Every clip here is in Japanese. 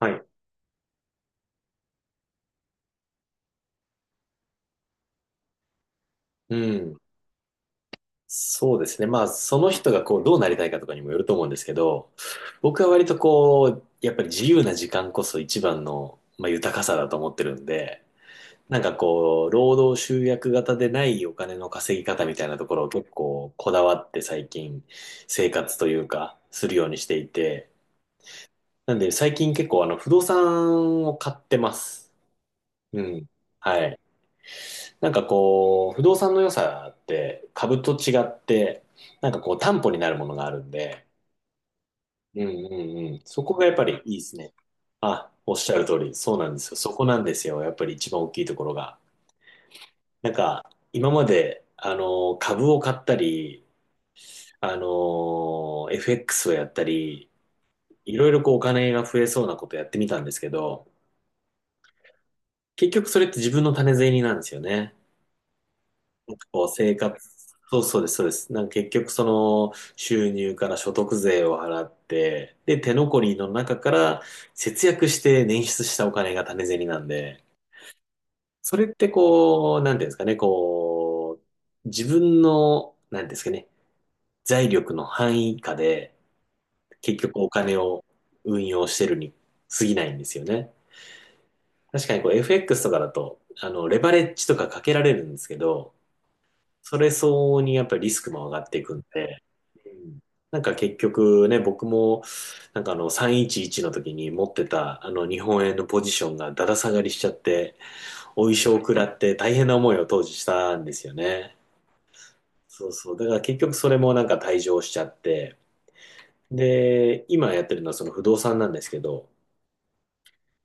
はい。うん。そうですね。まあ、その人がこう、どうなりたいかとかにもよると思うんですけど、僕は割とこう、やっぱり自由な時間こそ一番の、まあ、豊かさだと思ってるんで、なんかこう、労働集約型でないお金の稼ぎ方みたいなところを結構こだわって最近生活というか、するようにしていて、なんで最近結構不動産を買ってます。うん。はい。なんかこう、不動産の良さって株と違って、なんかこう担保になるものがあるんで、うんうんうん。そこがやっぱりいいですね。あ、おっしゃる通り、そうなんですよ。そこなんですよ。やっぱり一番大きいところが。なんか、今まで、株を買ったり、FX をやったり、いろいろこうお金が増えそうなことやってみたんですけど、結局それって自分の種銭なんですよね。なんかこう生活、そうそうです、そうです。なんか結局その収入から所得税を払って、で、手残りの中から節約して捻出したお金が種銭なんで、それってこう、なんていうんですかね、こう、自分の、なんていうんですかね、財力の範囲下で結局お金を運用してるに過ぎないんですよね。確かにこう FX とかだと、レバレッジとかかけられるんですけど、それ相応にやっぱりリスクも上がっていくんで、うんなんか結局ね、僕も、なんかあの311の時に持ってたあの日本円のポジションがだだ下がりしちゃって、お衣装を食らって大変な思いを当時したんですよね。そうそう。だから結局それもなんか退場しちゃって、で、今やってるのはその不動産なんですけど、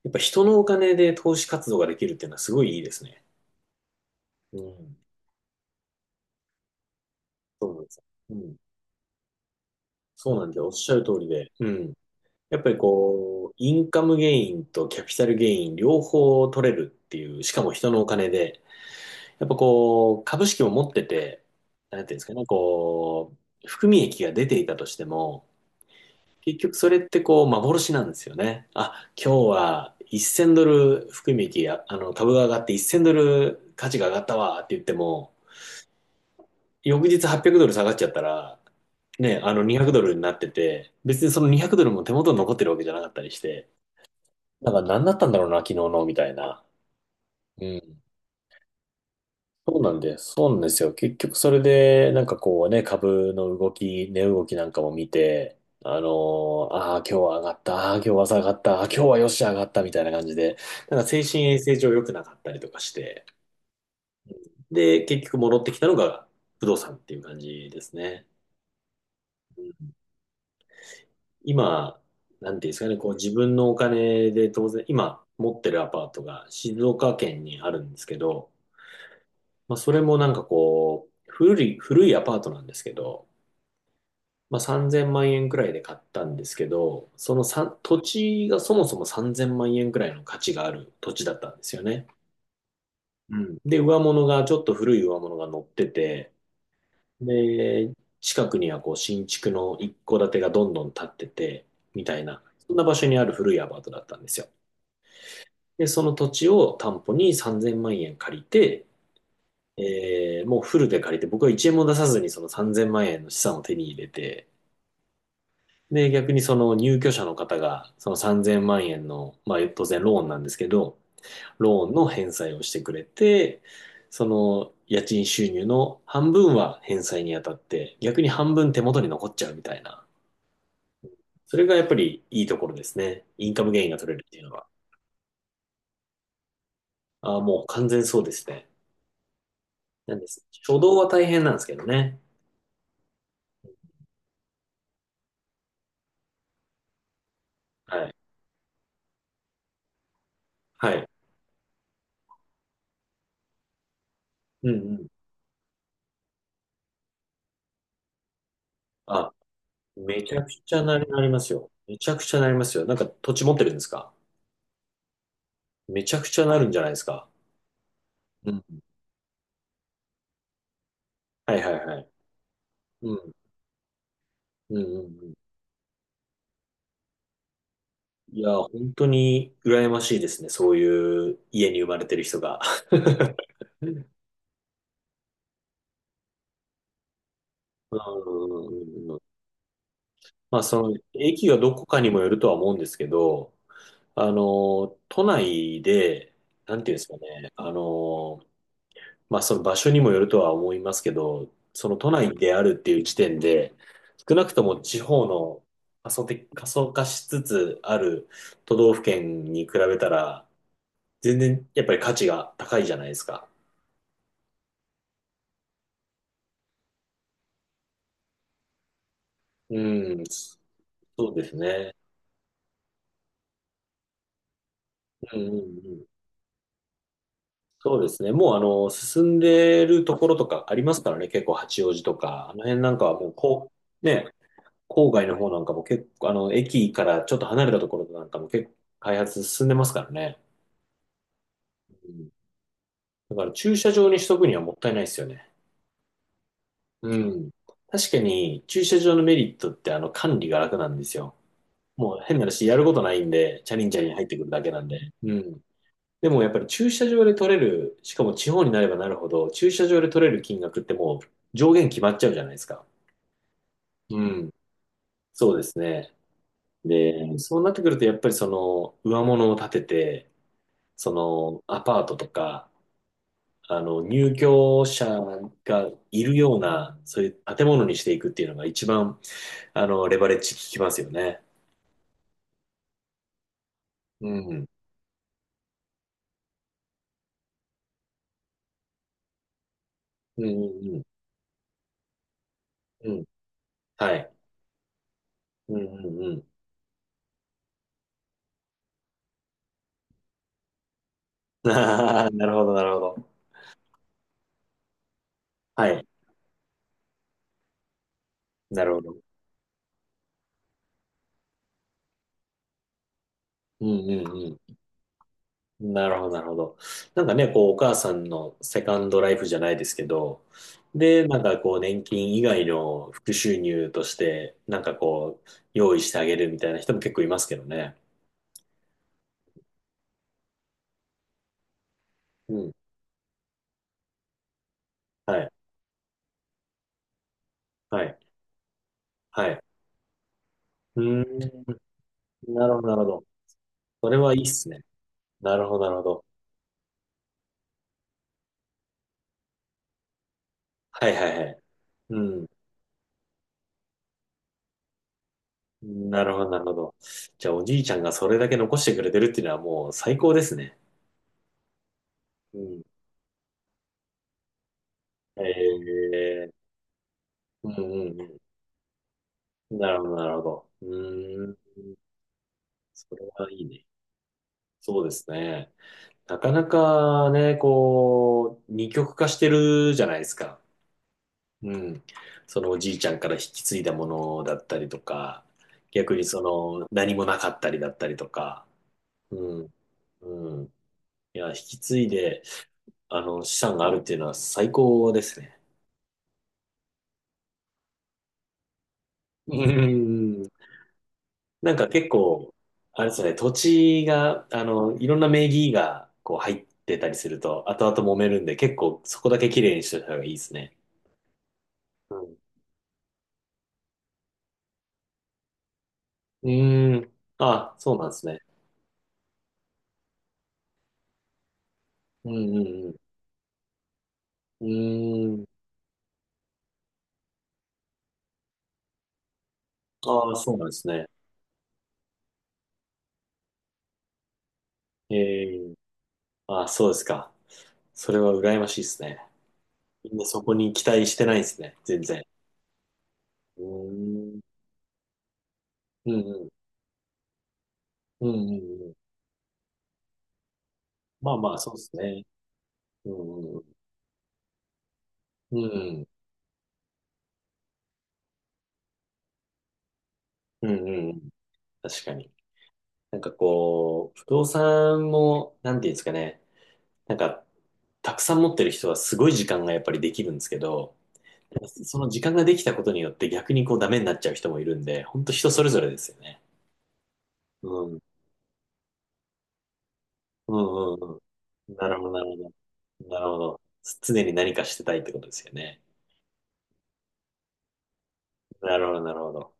やっぱ人のお金で投資活動ができるっていうのはすごいいいですね。うん。そうなんですよ。うん。そうなんで、おっしゃる通りで。うん。やっぱりこう、インカムゲインとキャピタルゲイン両方取れるっていう、しかも人のお金で、やっぱこう、株式も持ってて、なんていうんですかね、こう、含み益が出ていたとしても、結局それってこう、幻なんですよね。あ、今日は1000ドル含み益や、株が上がって1000ドル価値が上がったわって言っても、翌日800ドル下がっちゃったら、ね、あの200ドルになってて、別にその200ドルも手元に残ってるわけじゃなかったりして、なんか何だったんだろうな、昨日の、みたいな。うん。そうなんで、そうなんですよ。結局それで、なんかこうね、株の動き、値動きなんかも見て、あのああ、今日は上がった、ああ、今日は下がった、ああ、今日はよし上がった、みたいな感じで、なんか精神衛生上良くなかったりとかして、で、結局戻ってきたのが不動産っていう感じですね。今、なんていうんですかね、こう自分のお金で当然、今持ってるアパートが静岡県にあるんですけど、まあ、それもなんかこう、古い、古いアパートなんですけど、まあ、3000万円くらいで買ったんですけど、その土地がそもそも3000万円くらいの価値がある土地だったんですよね。うん。で、上物が、ちょっと古い上物が乗ってて、で、近くにはこう新築の一戸建てがどんどん建ってて、みたいな、そんな場所にある古いアパートだったんですよ。で、その土地を担保に3000万円借りて、もうフルで借りて、僕は1円も出さずにその3000万円の資産を手に入れて、で、逆にその入居者の方が、その3000万円の、まあ当然ローンなんですけど、ローンの返済をしてくれて、その家賃収入の半分は返済に当たって、逆に半分手元に残っちゃうみたいな。それがやっぱりいいところですね。インカムゲインが取れるっていうのは。ああ、もう完全そうですね。なんです。初動は大変なんですけどね。はい。はい。うんうん。あ、めちゃくちゃなり、ますよ。めちゃくちゃなりますよ。なんか土地持ってるんですか？めちゃくちゃなるんじゃないですか。うん。はいはいはい。うん。うんうんうん。いや、本当に羨ましいですね。そういう家に生まれてる人が。うんうんうんうん。まあ、その、駅がどこかにもよるとは思うんですけど、あの、都内で、なんていうんですかね、まあその場所にもよるとは思いますけど、その都内であるっていう時点で、少なくとも地方の過疎的、過疎化しつつある都道府県に比べたら、全然やっぱり価値が高いじゃないですか。うん、そうですね。うんうんうん、そうですね。もう進んでるところとかありますからね、結構八王子とか、あの辺なんかはもうこう、ね、郊外の方なんかも結構、駅からちょっと離れたところなんかも結構開発進んでますからね。うんだから駐車場にしとくにはもったいないですよね。うん。確かに駐車場のメリットって管理が楽なんですよ。もう変な話、やることないんで、チャリンチャリン入ってくるだけなんで。うん。でもやっぱり駐車場で取れる、しかも地方になればなるほど、駐車場で取れる金額ってもう上限決まっちゃうじゃないですか。うん。そうですね。で、そうなってくるとやっぱりその上物を建てて、そのアパートとか、入居者がいるような、そういう建物にしていくっていうのが一番、レバレッジ効きますよね。うん。うんうんうん。うん。はい。うんうんうん。ああ、なるほど、なるほど。はい。なるほど。うんうんうん。なるほど、なるほど。なんかね、こう、お母さんのセカンドライフじゃないですけど、で、なんかこう、年金以外の副収入として、なんかこう、用意してあげるみたいな人も結構いますけどね。うん。はい。はい。はい。うーん。なるほど、なるほど。それはいいっすね。なるほど、なるほど。はいはいはい。うん。なるほど、なるほど。じゃあ、おじいちゃんがそれだけ残してくれてるっていうのはもう最高ですね。うん。ええ、うんうんうん。なるほど、なるほど。うーん。それはいいね。そうですね。なかなかね、こう、二極化してるじゃないですか。うん。そのおじいちゃんから引き継いだものだったりとか、逆にその何もなかったりだったりとか、うん。うん。いや、引き継いで、資産があるっていうのは最高ですね。うん。なんか結構、あれですね、土地が、いろんな名義がこう入ってたりすると、後々揉めるんで、結構そこだけ綺麗にしておいた方がいいですね。うん。うーん。あ、そうなんですね。うんうんうん。うーん。ああ、そうなんですね。ええ、あ、そうですか。それは羨ましいですね。みんなそこに期待してないですね。全然。うーん。うんうん。うんうんうん。まあまあ、そうですね。うんうんうん。うんうんうんうんうん。まあまあそうですね。うんうんうんうんうんうん。確かに。なんかこう、不動産も、なんていうんですかね。なんか、たくさん持ってる人はすごい時間がやっぱりできるんですけど、その時間ができたことによって逆にこうダメになっちゃう人もいるんで、本当人それぞれですよね。うんうんうんうん。なるほど、なるほど。なるほど。常に何かしてたいってことですよね。なるほど、なるほど。